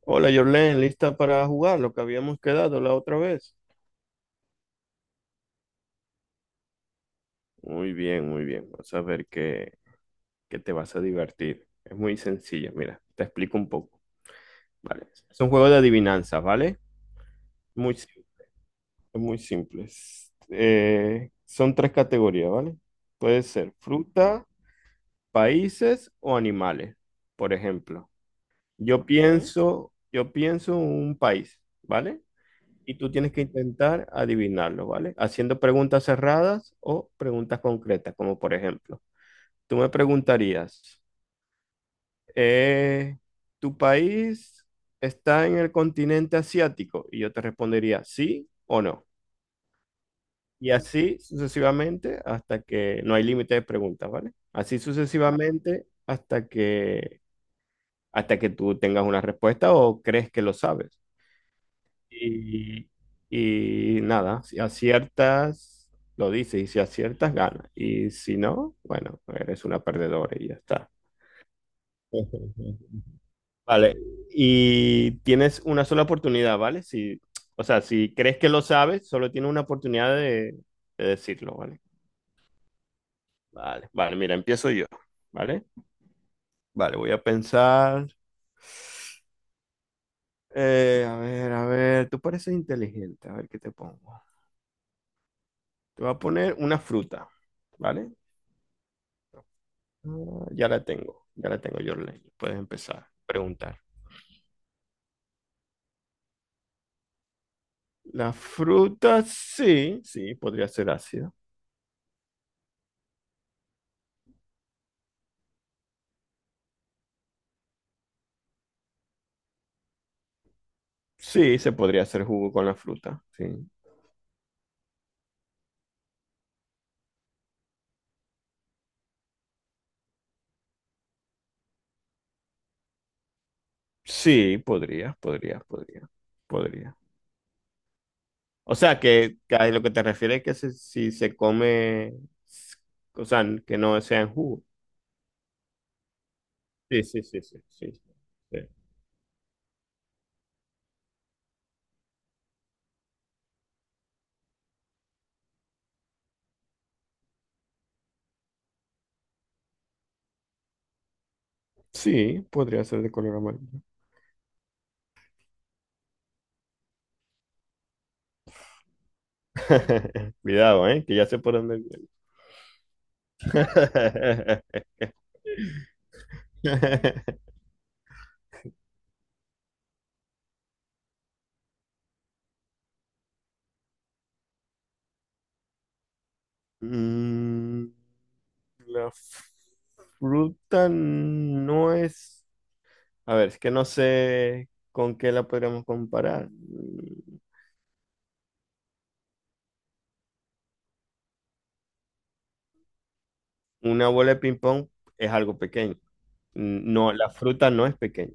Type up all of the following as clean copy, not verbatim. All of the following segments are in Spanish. Hola, Jorlen, ¿lista para jugar lo que habíamos quedado la otra vez? Muy bien, muy bien. Vas a ver que te vas a divertir. Es muy sencilla. Mira, te explico un poco, ¿vale? Es un juego de adivinanzas, ¿vale? Muy, sim- es muy simples. Son tres categorías, ¿vale? Puede ser fruta, países o animales. Por ejemplo, yo Ok. pienso, yo pienso un país, ¿vale? Y tú tienes que intentar adivinarlo, ¿vale? Haciendo preguntas cerradas o preguntas concretas, como por ejemplo, tú me preguntarías, eh, ¿tu país está en el continente asiático? Y yo te respondería sí o no. Y así sucesivamente hasta que no hay límite de preguntas, ¿vale? Así sucesivamente hasta que tú tengas una respuesta o crees que lo sabes. Y, y nada, si aciertas, lo dices, y si aciertas, ganas. Y si no, bueno, eres una perdedora y ya está. Vale, y tienes una sola oportunidad, ¿vale? Si, o sea, si crees que lo sabes, solo tienes una oportunidad de decirlo, ¿vale? Vale, vale, mira, empiezo yo, ¿vale? Vale, voy a pensar. A ver, a ver, tú pareces inteligente, a ver qué te pongo. Te voy a poner una fruta, ¿vale? Ah, ya la tengo, Jorlen. Puedes empezar a preguntar. La fruta, sí, sí, podría ser ácido. Sí, se podría hacer jugo con la fruta. Sí, sí, podría. O sea, que a lo que te refieres es que si se come, s- o sea, que no sea en jugo. Sí, sí, sí, sí, sí. Sí, sí, podría ser de color amarillo. Cuidado, ¿eh? Que ya sé por dónde viene. Mm, la f- fruta no es... A ver, es que no sé con qué la podríamos comparar. Mm, una bola de ping-pong es algo pequeño. Mm, no, la fruta no es pequeña.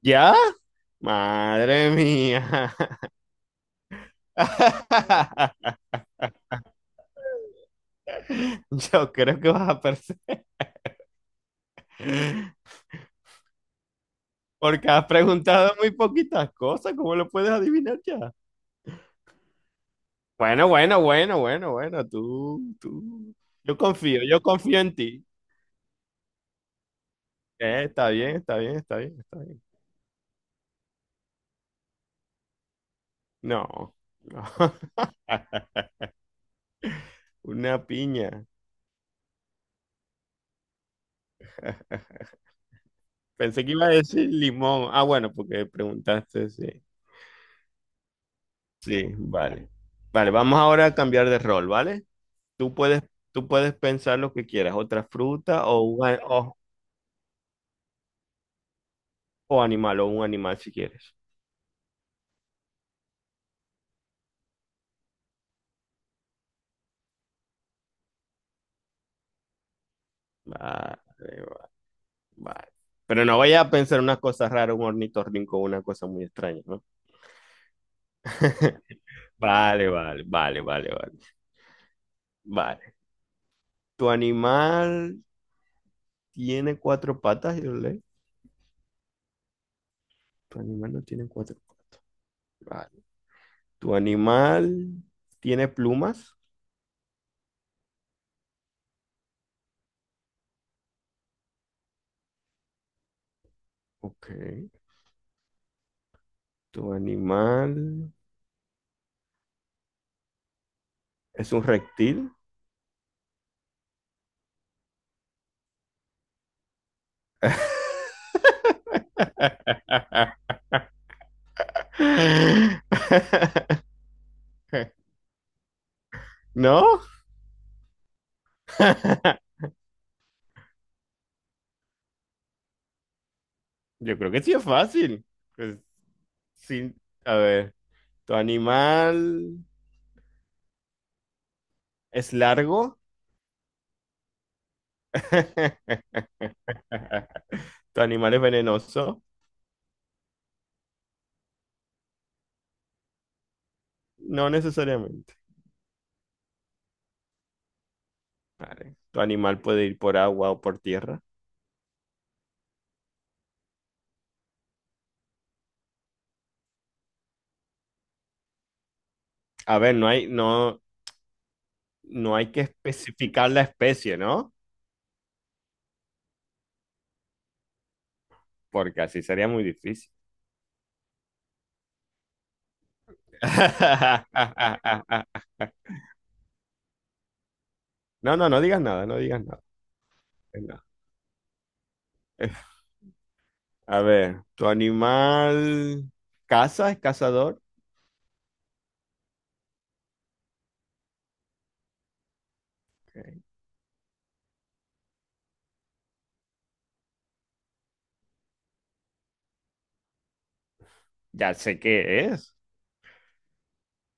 ¿Ya? Madre mía. Yo creo que vas a perder. Porque has preguntado muy poquitas cosas. ¿Cómo lo puedes adivinar ya? Bueno, bueno, bueno, bueno, bueno. Tú, tú. Yo confío en ti. Está bien, está bien, está bien, está bien. No, no. Una piña. Pensé que iba a decir limón. Ah, bueno, porque preguntaste, sí. Sí, vale. Vale, vamos ahora a cambiar de rol, ¿vale? Tú puedes, tú puedes pensar lo que quieras, otra fruta o o animal, o un animal si quieres. Vale, vale, vale. Pero no vayas a pensar unas cosas raras, un ornitorrinco, una cosa muy extraña, ¿no? Vale, vale, vale, vale, vale. Vale. ¿Tu animal tiene cuatro patas, yo leí. Tu animal no tiene cuatro patas. Vale. Tu animal tiene plumas. Ok. Tu animal es un reptil. ¿No? Yo creo que sí es fácil. Pues, sí. A ver, ¿tu animal es largo? ¿Tu animal es venenoso? No necesariamente. Vale. Tu animal puede ir por agua o por tierra. A ver, no hay que especificar la especie, ¿no? Porque así sería muy difícil. No, no, no digas nada, no digas nada. Venga. A ver, ¿tu animal caza, es cazador? Ok. Ya sé qué es.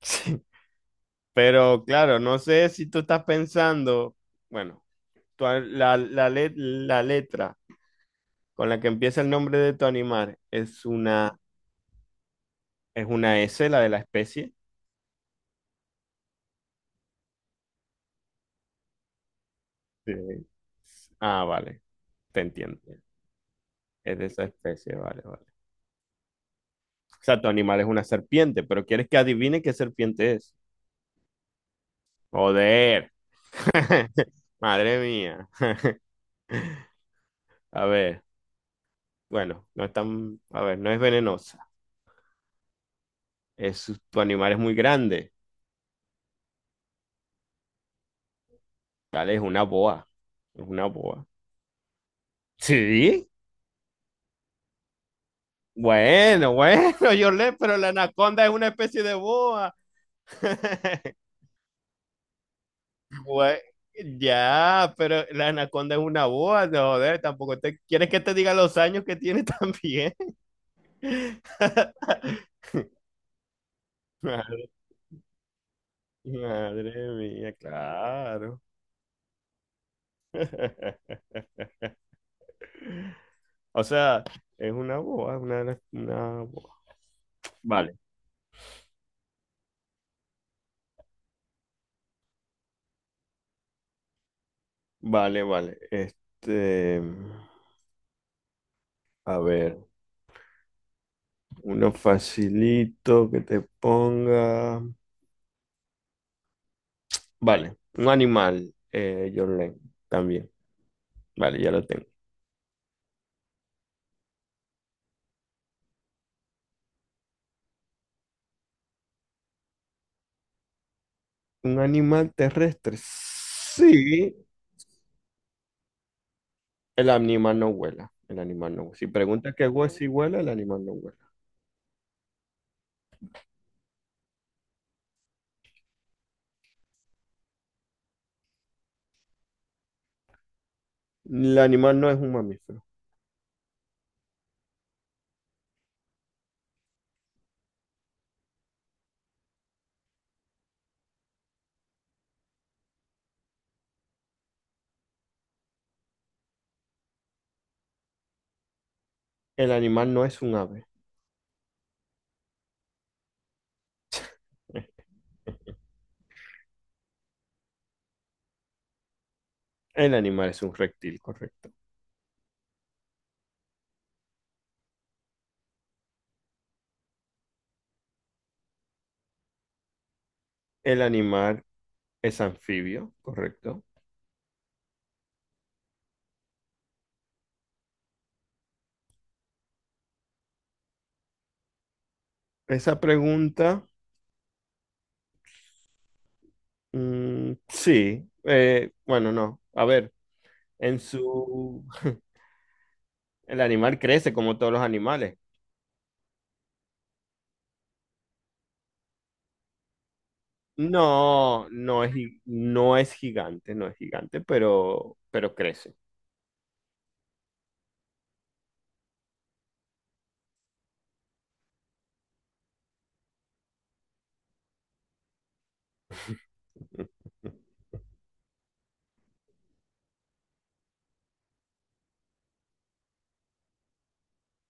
Pero claro, no sé si tú estás pensando, bueno, la letra con la que empieza el nombre de tu animal es una... Es una S, la de la especie. Sí. Ah, vale, te entiendo. Es de esa especie, vale, vale. O sea, tu animal es una serpiente, pero quieres que adivine qué serpiente es. Joder. Madre mía. A ver, bueno, no es tan, a ver, no es venenosa. Es, tu animal es muy grande. Vale, es una boa. Es una boa. Sí. Bueno, bueno, yo le, pero la anaconda es una especie de boa. bue ya, pero la anaconda es una boa, no, joder, tampoco te quieres que te diga los años que tiene también. Madre, madre mía, claro. O sea, es una boa, una boa. Vale, vale, vale. Este, a ver, uno facilito que te ponga. Vale, un animal, Jorlen, también. Vale, ya lo tengo. Un animal terrestre. Sí, el animal no vuela. El animal no. Si preguntas si vuela, el animal no vuela. El animal no es un mamífero. El animal no es un ave. El animal es un reptil, correcto. El animal es anfibio, correcto. Esa pregunta, mm, sí. Bueno, no. A ver, en su... El animal crece como todos los animales. No, no es gigante, no es gigante, pero crece.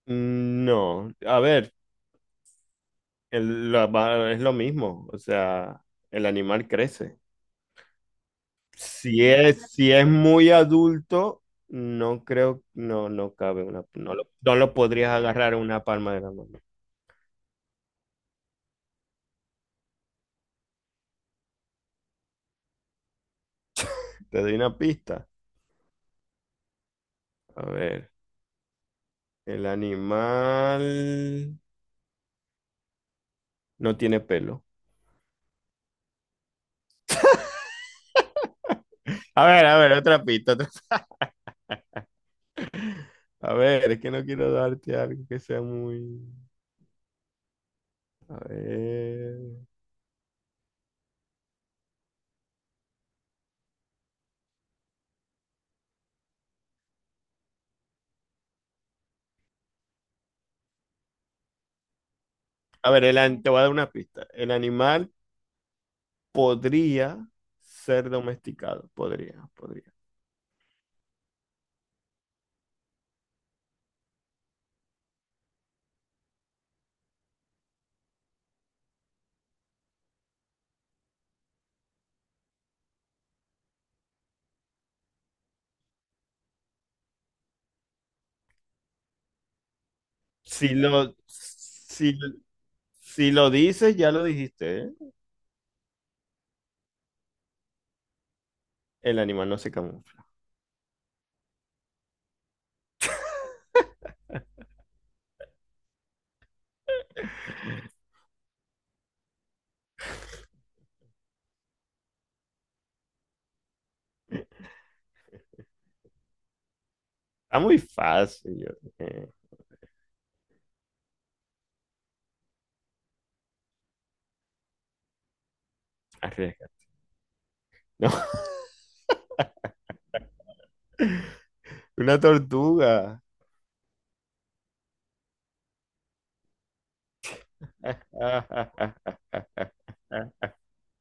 Mm, no, a ver, es lo mismo, o sea, el animal crece. Si es, si es muy adulto, no creo, no, no cabe una, no lo, no lo podrías agarrar en una palma de la mano. Te doy una pista. A ver, el animal no tiene pelo. A ver, otra pista. A ver, es que no quiero darte algo que sea muy... A ver. A ver, te voy a dar una pista. El animal podría ser domesticado. Podría, podría. Si lo, si, si lo dices, ya lo dijiste, ¿eh? El animal no se camufla. Está muy fácil. Arriesga. No. Una tortuga.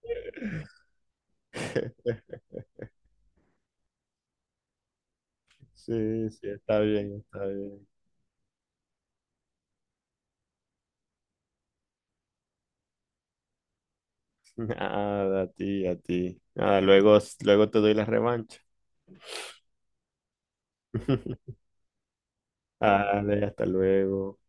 Sí, sí, está bien, está bien. Nada, a ti, a ti. Nada, luego, luego te doy la revancha. Dale, hasta luego.